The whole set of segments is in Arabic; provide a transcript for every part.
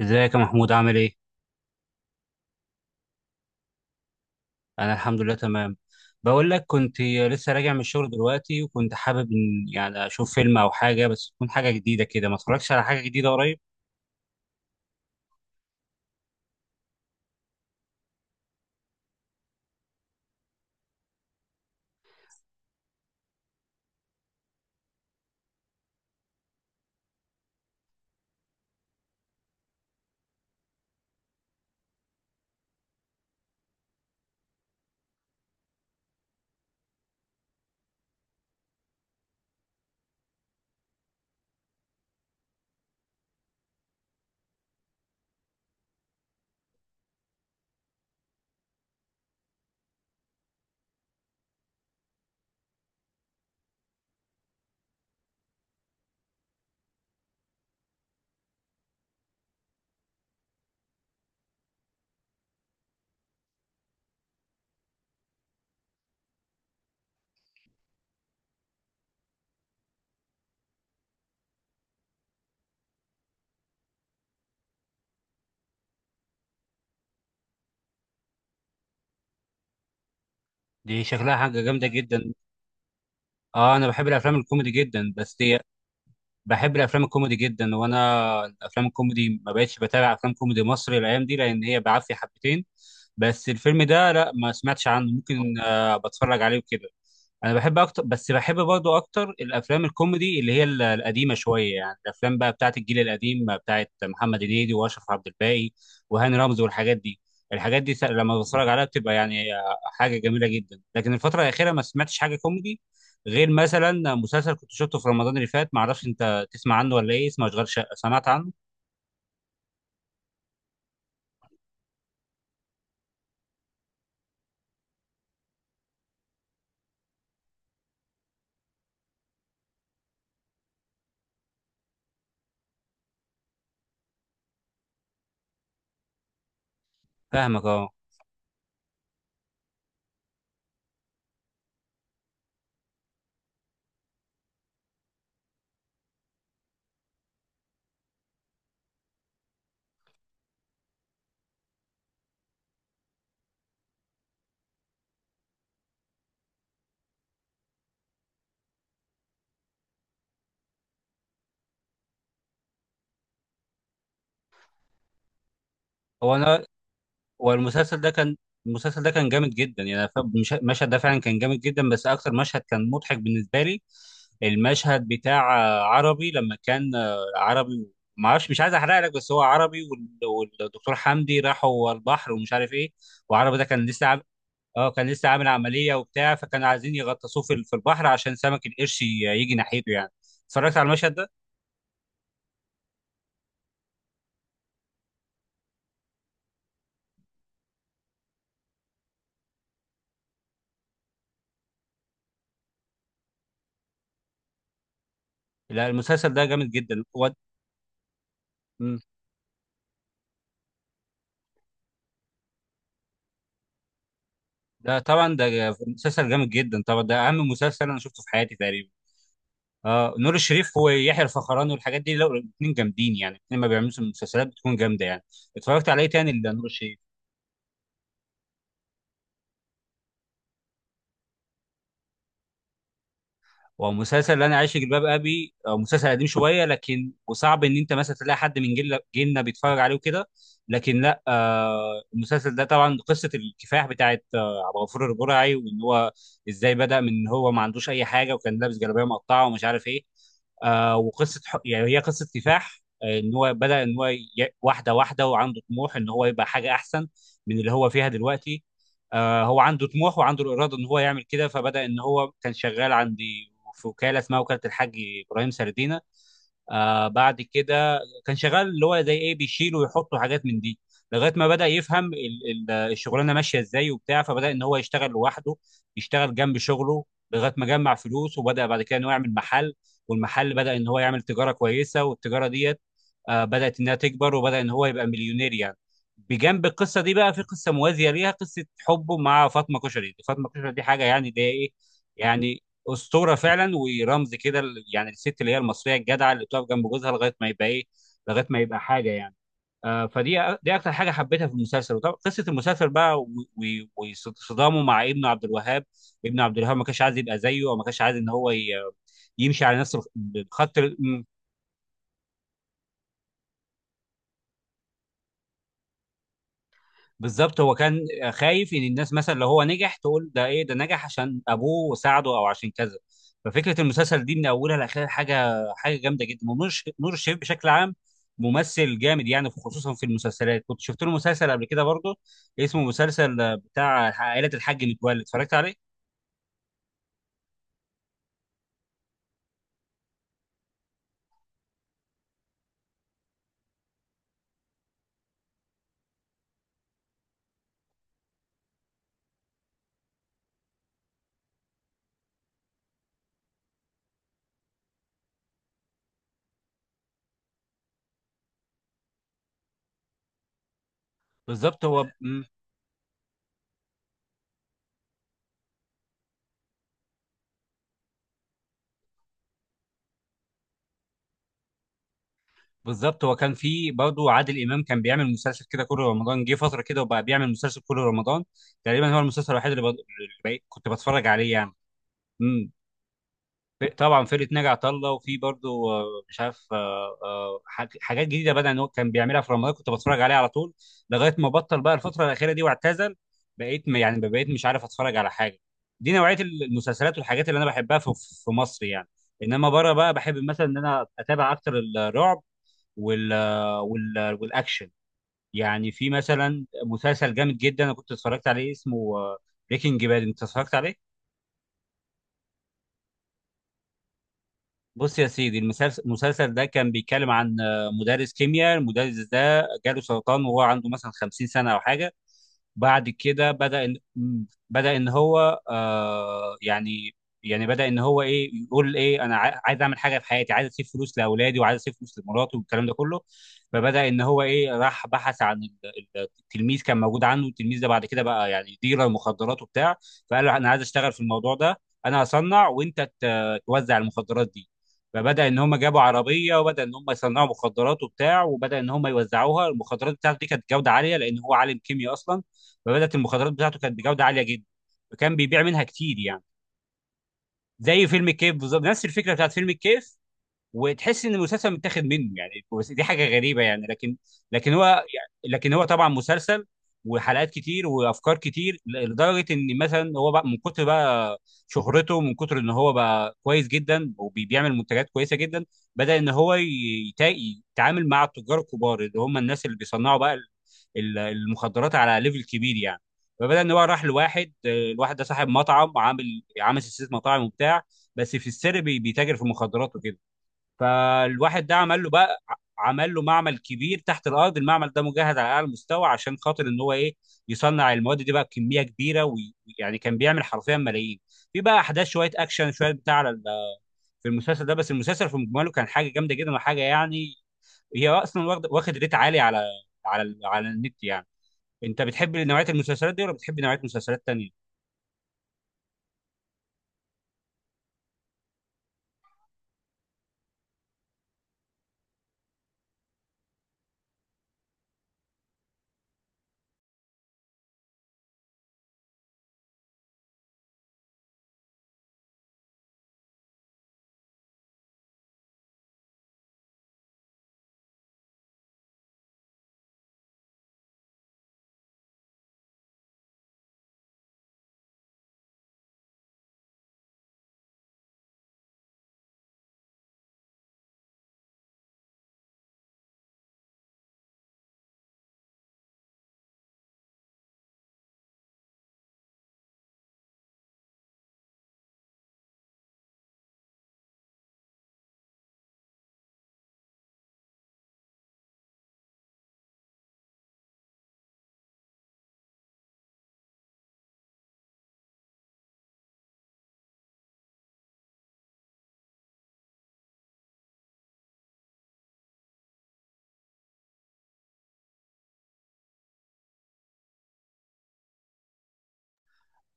ازيك يا محمود عامل ايه؟ انا الحمد لله تمام. بقول لك كنت لسه راجع من الشغل دلوقتي، وكنت حابب ان يعني اشوف فيلم او حاجه، بس تكون حاجه جديده كده، ما اتفرجتش على حاجه جديده قريب. دي شكلها حاجه جامده جدا. اه، انا بحب الافلام الكوميدي جدا بس دي. بحب الافلام الكوميدي جدا، وانا الافلام الكوميدي ما بقتش بتابع افلام كوميدي مصري الايام دي، لان هي بعافيه حبتين. بس الفيلم ده لا ما سمعتش عنه، ممكن بتفرج عليه وكده. انا بحب اكتر، بس بحب برضو اكتر الافلام الكوميدي اللي هي القديمه شويه، يعني الافلام بقى بتاعت الجيل القديم، بتاعت محمد هنيدي واشرف عبد الباقي وهاني رمزي والحاجات دي. الحاجات دي لما بتفرج عليها بتبقى يعني حاجه جميله جدا. لكن الفتره الاخيره ما سمعتش حاجه كوميدي، غير مثلا مسلسل كنت شفته في رمضان اللي فات، ما اعرفش انت تسمع عنه ولا ايه، اسمه اشغال شقه، سمعت عنه؟ فاهمك، اه. هو انا. والمسلسل ده كان. المسلسل ده كان جامد جدا، يعني المشهد ده فعلا كان جامد جدا، بس اكتر مشهد كان مضحك بالنسبه لي المشهد بتاع عربي لما كان عربي. ما اعرفش، مش عايز احرق لك، بس هو عربي والدكتور حمدي راحوا البحر ومش عارف ايه، وعربي ده كان لسه عامل. اه، كان لسه عامل عمليه وبتاع، فكانوا عايزين يغطسوه في في البحر عشان سمك القرش يجي ناحيته يعني. اتفرجت على المشهد ده. لا المسلسل ده جامد جدا و... ده طبعا ده مسلسل جامد جدا، طبعا ده اهم مسلسل انا شفته في حياتي تقريبا. اه، نور الشريف ويحيى الفخراني والحاجات دي لو الاثنين جامدين يعني، الاثنين ما بيعملوا مسلسلات بتكون جامده يعني. اتفرجت عليه تاني لنور الشريف. ومسلسل اللي انا عايش في جلباب ابي مسلسل قديم شويه لكن، وصعب ان انت مثلا تلاقي حد من جيل جيلنا بيتفرج عليه وكده، لكن لا المسلسل ده طبعا قصه الكفاح بتاعت عبد الغفور البرعي، وان هو ازاي بدا من إن هو ما عندوش اي حاجه وكان لابس جلابيه مقطعه ومش عارف ايه. وقصه يعني هي قصه كفاح، ان هو بدا ان هو واحده واحده، وعنده طموح ان هو يبقى حاجه احسن من اللي هو فيها دلوقتي. هو عنده طموح وعنده الاراده ان هو يعمل كده، فبدا ان هو كان شغال عند، في وكاله اسمها وكاله الحاج ابراهيم سردينه. بعد كده كان شغال اللي هو زي ايه بيشيل ويحط حاجات من دي، لغايه ما بدا يفهم الشغلانه ماشيه ازاي وبتاع، فبدا ان هو يشتغل لوحده، يشتغل جنب شغله لغايه ما جمع فلوس، وبدا بعد كده ان هو يعمل محل. والمحل بدا ان هو يعمل تجاره كويسه، والتجاره ديت بدات انها تكبر، وبدا ان هو يبقى مليونير يعني. بجنب القصه دي بقى في قصه موازيه ليها، قصه حبه مع فاطمه كشري. فاطمه كشري دي حاجه يعني اللي هي ايه يعني، اسطوره فعلا ورمز كده، يعني الست اللي هي المصريه الجدعه اللي بتقف جنب جوزها لغايه ما يبقى ايه، لغايه ما يبقى حاجه يعني. فدي أ- دي اكتر حاجه حبيتها في المسلسل، وطبعا قصه المسلسل بقى وصدامه مع ابنه عبد الوهاب. ابن عبد الوهاب ما كانش عايز يبقى زيه، او ما كانش عايز ان هو يمشي على نفس الخط. بالظبط، هو كان خايف ان الناس مثلا لو هو نجح تقول ده ايه، ده نجح عشان ابوه ساعده او عشان كذا. ففكره المسلسل دي من اولها لاخرها حاجه حاجه جامده جدا. ونور الش- نور الشريف بشكل عام ممثل جامد يعني، خصوصا في المسلسلات. كنت شفت له مسلسل قبل كده برضه اسمه مسلسل بتاع عائله الحاج متولي، اتفرجت عليه. بالظبط هو كان في برضه عادل امام كان بيعمل مسلسل كده كل رمضان، جه فتره كده وبقى بيعمل مسلسل كل رمضان تقريبا، هو المسلسل الوحيد اللي كنت بتفرج عليه يعني. مم. طبعا فرقه ناجي عطا الله، وفي برضو مش عارف حاجات جديده بدا إن هو كان بيعملها في رمضان، كنت بتفرج عليه على طول، لغايه ما بطل بقى الفتره الاخيره دي واعتزل. يعني بقيت مش عارف اتفرج على حاجه. دي نوعيه المسلسلات والحاجات اللي انا بحبها في مصر يعني. انما بره بقى بحب مثلا ان انا اتابع اكتر الرعب وال والاكشن يعني. في مثلا مسلسل جامد جدا انا كنت اتفرجت عليه اسمه بريكنج باد، انت اتفرجت عليه؟ بص يا سيدي المسلسل ده كان بيتكلم عن مدرس كيمياء. المدرس ده جاله سرطان وهو عنده مثلا 50 سنة أو حاجة. بعد كده بدأ إن هو يعني، بدأ إن هو إيه، يقول إيه أنا عايز أعمل حاجة في حياتي، عايز أسيب فلوس لأولادي وعايز أسيب فلوس لمراتي والكلام ده كله. فبدأ إن هو إيه راح بحث عن التلميذ كان موجود عنه، التلميذ ده بعد كده بقى يعني ديلر مخدرات وبتاع. فقال له أنا عايز أشتغل في الموضوع ده، أنا هصنع وأنت توزع المخدرات دي. فبدأ إن هم جابوا عربية، وبدأ إن هم يصنعوا مخدرات وبتاع، وبدأ إن هم يوزعوها. المخدرات بتاعته دي كانت جودة عالية لأن هو عالم كيمياء أصلا، فبدات المخدرات بتاعته كانت بجوده عاليه جدا، وكان بيبيع منها كتير يعني. زي فيلم الكيف بالظبط، نفس الفكره بتاعت فيلم الكيف، وتحس ان المسلسل متاخد منه يعني، بس دي حاجه غريبه يعني. لكن هو يعني، لكن هو طبعا مسلسل وحلقات كتير وافكار كتير، لدرجه ان مثلا هو بقى من كتر بقى شهرته، من كتر ان هو بقى كويس جدا وبيعمل منتجات كويسه جدا، بدا ان هو يتعامل مع التجار الكبار اللي هم الناس اللي بيصنعوا بقى المخدرات على ليفل كبير يعني. فبدأ ان هو راح لواحد، الواحد ده صاحب مطعم، عامل سلسله مطاعم وبتاع، بس في السر بيتاجر في المخدرات وكده. فالواحد ده عمل له بقى عمل له معمل كبير تحت الارض. المعمل ده مجهز على اعلى مستوى عشان خاطر ان هو ايه يصنع المواد دي بقى بكميه كبيره، ويعني كان بيعمل حرفيا ملايين. في بقى احداث شويه اكشن شويه بتاع على في المسلسل ده، بس المسلسل في مجمله كان حاجه جامده جدا وحاجه يعني، هي اصلا واخد ريت عالي على على النت يعني. انت بتحب نوعيه المسلسلات دي ولا بتحب نوعيه مسلسلات تانية؟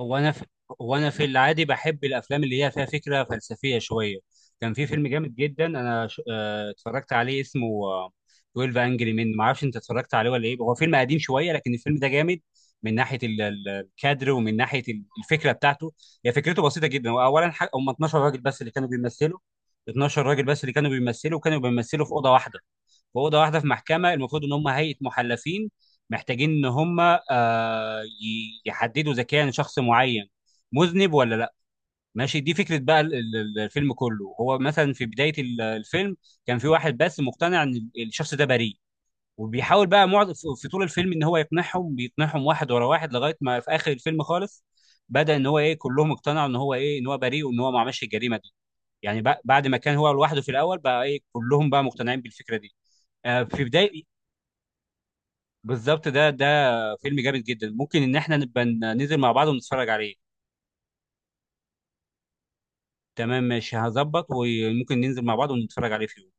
هو انا في... هو انا في العادي بحب الافلام اللي هي فيها فكره فلسفيه شويه. كان في فيلم جامد جدا انا اتفرجت عليه اسمه 12 انجري من، ما اعرفش انت اتفرجت عليه ولا ايه. هو فيلم قديم شويه، لكن الفيلم ده جامد، من ناحيه الكادر، ومن ناحيه الفكره بتاعته. هي فكرته بسيطه جدا، هو اولا هم 12 راجل بس اللي كانوا بيمثلوا، 12 راجل بس اللي كانوا بيمثلوا، وكانوا بيمثلوا في اوضه واحده، واوضه واحده في محكمه، المفروض ان هم هيئه محلفين محتاجين ان هم يحددوا اذا كان شخص معين مذنب ولا لا. ماشي، دي فكره بقى الفيلم كله. هو مثلا في بدايه الفيلم، كان في واحد بس مقتنع ان الشخص ده بريء، وبيحاول بقى في طول الفيلم ان هو يقنعهم، بيقنعهم واحد ورا واحد، لغايه ما في اخر الفيلم خالص بدأ ان هو ايه، كلهم اقتنعوا ان هو ايه، ان هو بريء وان هو ما عملش الجريمه دي. يعني بعد ما كان هو لوحده في الاول، بقى ايه كلهم بقى مقتنعين بالفكره دي. في بدايه. بالظبط، ده فيلم جامد جدا، ممكن ان احنا نبقى ننزل مع بعض ونتفرج عليه. تمام، ماشي، هظبط، وممكن ننزل مع بعض ونتفرج عليه في يوم.